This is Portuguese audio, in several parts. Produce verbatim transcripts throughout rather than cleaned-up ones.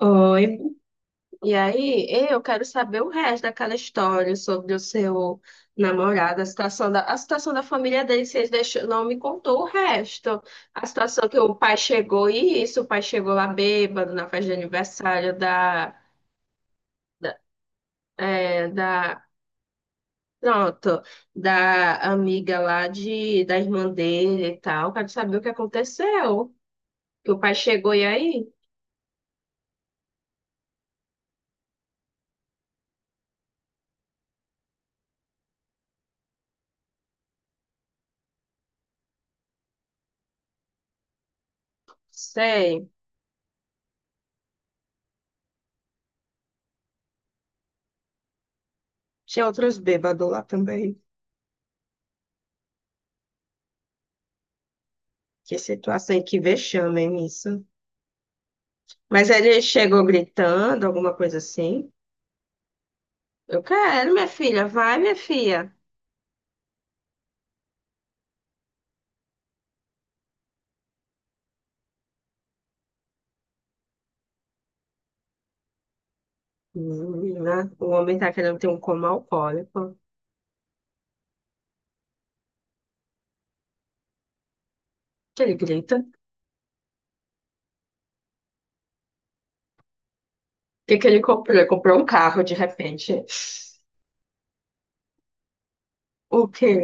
Oi. E aí, eu quero saber o resto daquela história sobre o seu namorado, a situação da, a situação da família dele, vocês deixou, não me contou o resto. A situação que o pai chegou e isso, o pai chegou lá bêbado na festa de aniversário da, da, é, da, pronto, da amiga lá de, da irmã dele e tal. Quero saber o que aconteceu. Que o pai chegou e aí? Sei. Tinha outros bêbados lá também. Que situação e que vexame, hein, isso? Mas ele chegou gritando, alguma coisa assim. Eu quero, minha filha, vai, minha filha. Menina, o homem tá querendo ter um coma alcoólico. Que ele grita. O que que ele comprou? Ele comprou um carro de repente. O quê?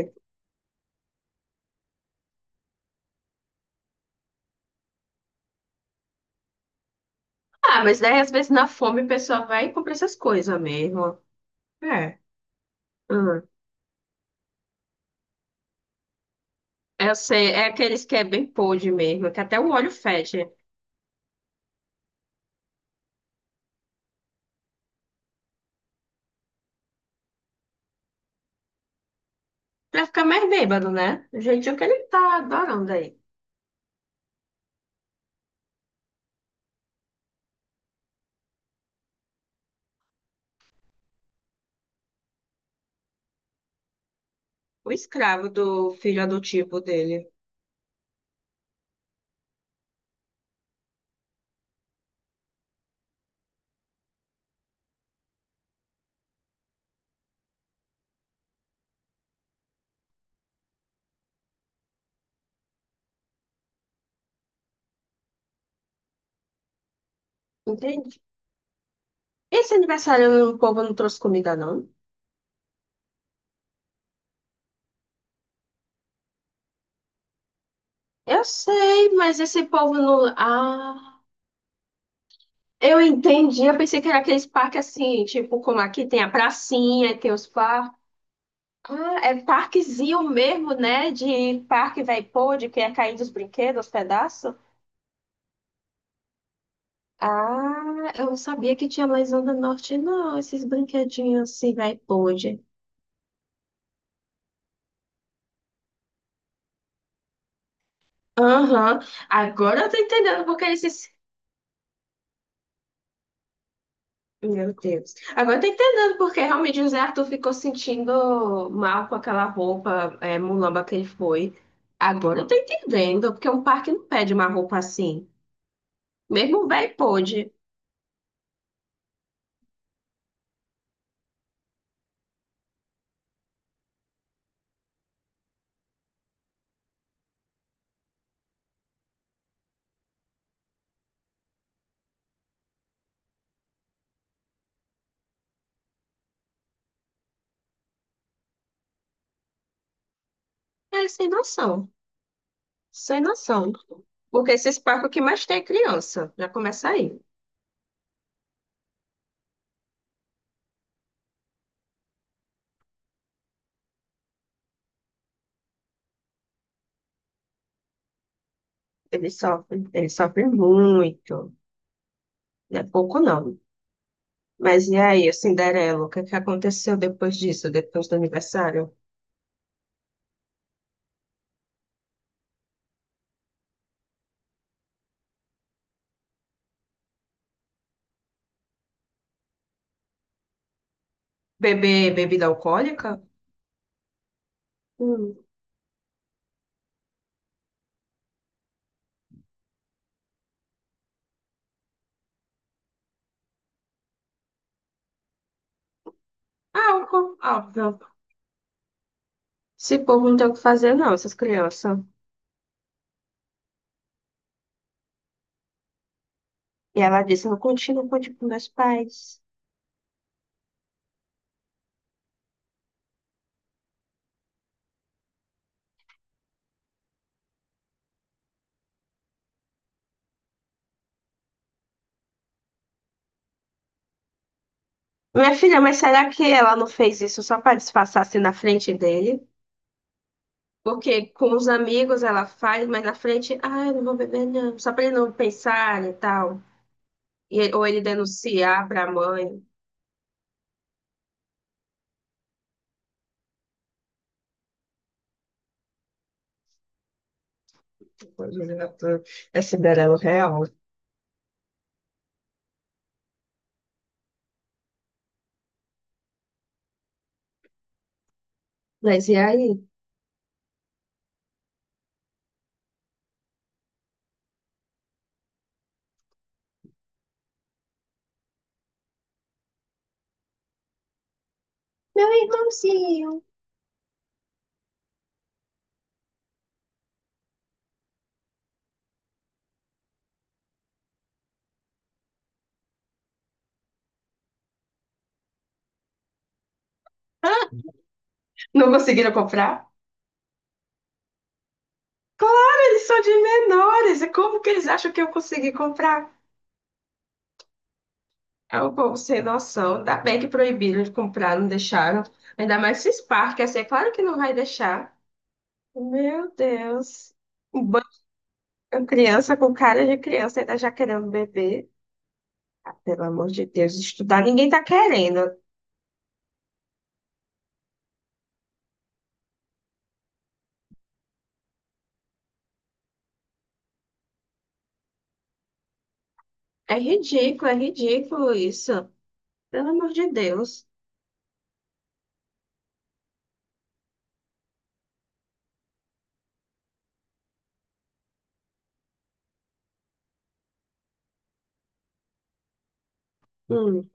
Ah, mas daí às vezes na fome a pessoa vai e compra essas coisas mesmo. É. Hum. Eu sei, é aqueles que é bem podre mesmo, que até o olho fecha. Pra ficar mais bêbado, né? O jeitinho que ele tá adorando aí. O escravo do filho adotivo dele. Entendi. Esse aniversário o povo não trouxe comida, não? Eu sei, mas esse povo não. Ah, eu entendi. Eu pensei que era aqueles parques assim, tipo, como aqui tem a pracinha, tem os parques. Ah, é parquezinho mesmo, né? De parque vai pôr, que é cair dos brinquedos, os pedaços. Ah, eu não sabia que tinha mais onda norte, não. Esses brinquedinhos assim, vai pôr. de- Aham. Agora eu tô entendendo porque eles se Meu Deus. Agora eu tô entendendo porque realmente o Zé Arthur ficou sentindo mal com aquela roupa é, mulamba que ele foi. Agora eu tô entendendo, porque um parque não pede uma roupa assim. Mesmo o velho pôde. É sem noção. Sem noção. Porque esses parques o que mais tem é criança. Já começa aí. Ele sofre, ele sofre muito. Não é pouco, não. Mas e aí, o Cinderela, o que é que aconteceu depois disso, depois do aniversário? Beber bebida alcoólica? Hum. Álcool, óbvio. Esse povo não tem o que fazer, não, essas crianças. E ela disse, eu continuo com tipo, meus pais. Minha filha, mas será que ela não fez isso só para disfarçar assim na frente dele? Porque com os amigos ela faz, mas na frente, ah, eu não vou beber, não. Só para ele não pensar e tal. E- ele- ou ele denunciar para a mãe. É Cinderela real. Mas e aí? Meu irmãozinho. Não conseguiram comprar? Claro, eles são de menores. E como que eles acham que eu consegui comprar? É um povo sem noção. Ainda bem que proibiram de comprar, não deixaram. Ainda mais se Spark, assim, é claro que não vai deixar. Meu Deus. Um banco de Criança com cara de criança ainda já querendo beber. Ah, pelo amor de Deus, estudar ninguém tá querendo. É ridículo, é ridículo isso. Pelo amor de Deus. Hum.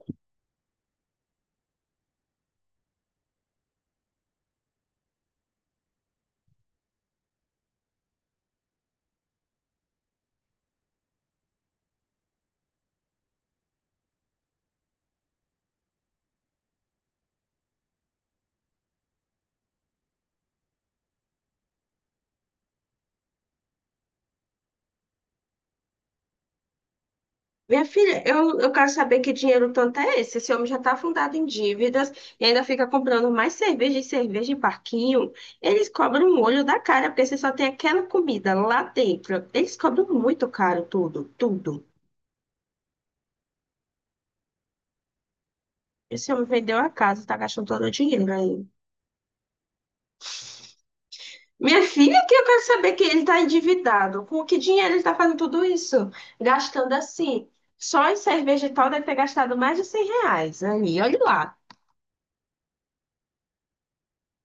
Minha filha, eu, eu quero saber que dinheiro tanto é esse. Esse homem já está afundado em dívidas e ainda fica comprando mais cerveja e cerveja em parquinho. Eles cobram um olho da cara, porque você só tem aquela comida lá dentro. Eles cobram muito caro tudo, tudo. Esse homem vendeu a casa, está gastando todo o dinheiro aí. Minha filha, que eu quero saber que ele está endividado. Com que dinheiro ele está fazendo tudo isso? Gastando assim. Só em cerveja e tal deve ter gastado mais de cem reais. Aí, olha lá.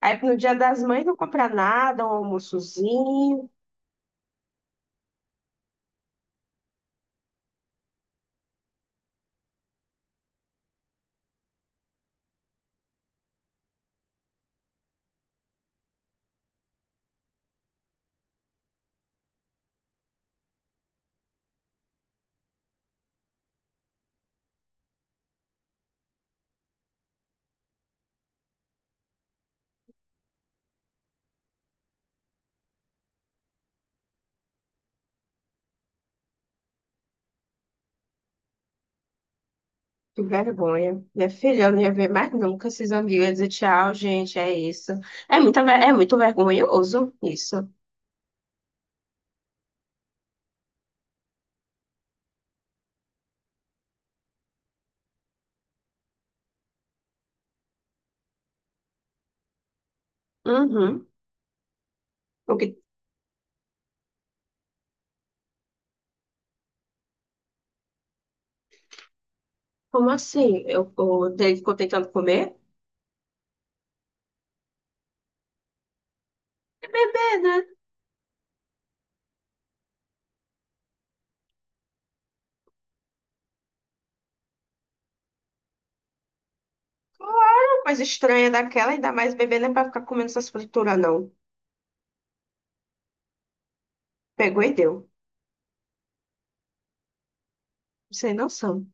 Aí no Dia das Mães não comprar nada, um almoçozinho, que vergonha. Minha filha, eu não ia ver mais nunca esses amigos. Eu ia dizer tchau, gente, é isso. É muita, ver- é muito vergonhoso isso. Uhum. O que- como assim? Eu, o dele ficou tentando comer? É bebê, né? Claro, coisa estranha daquela, ainda mais bebê não é pra ficar comendo essas frituras, não. Pegou e deu. Sem noção.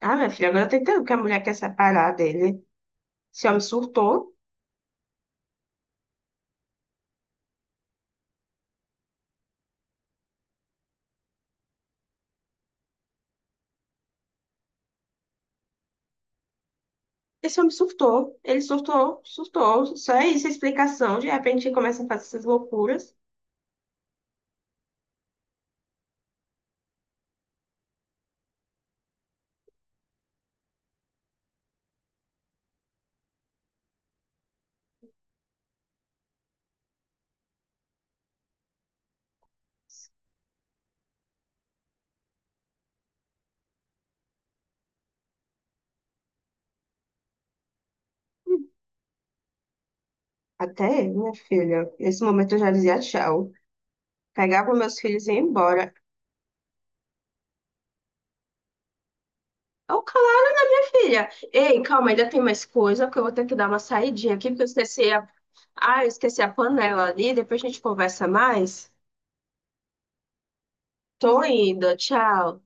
Ah, minha filha, agora eu tô entendendo que a mulher quer separar dele. Esse homem surtou. Esse homem surtou. Ele surtou, surtou. Só é isso a explicação. De repente, ele começa a fazer essas loucuras. Até eu, minha filha, nesse momento eu já dizia tchau. Pegava meus filhos e ia embora. Ô, Clara, filha. Ei, calma, ainda tem mais coisa, porque eu vou ter que dar uma saidinha aqui, porque eu esqueci a... Ah, eu esqueci a panela ali. Depois a gente conversa mais. Tô indo, tchau.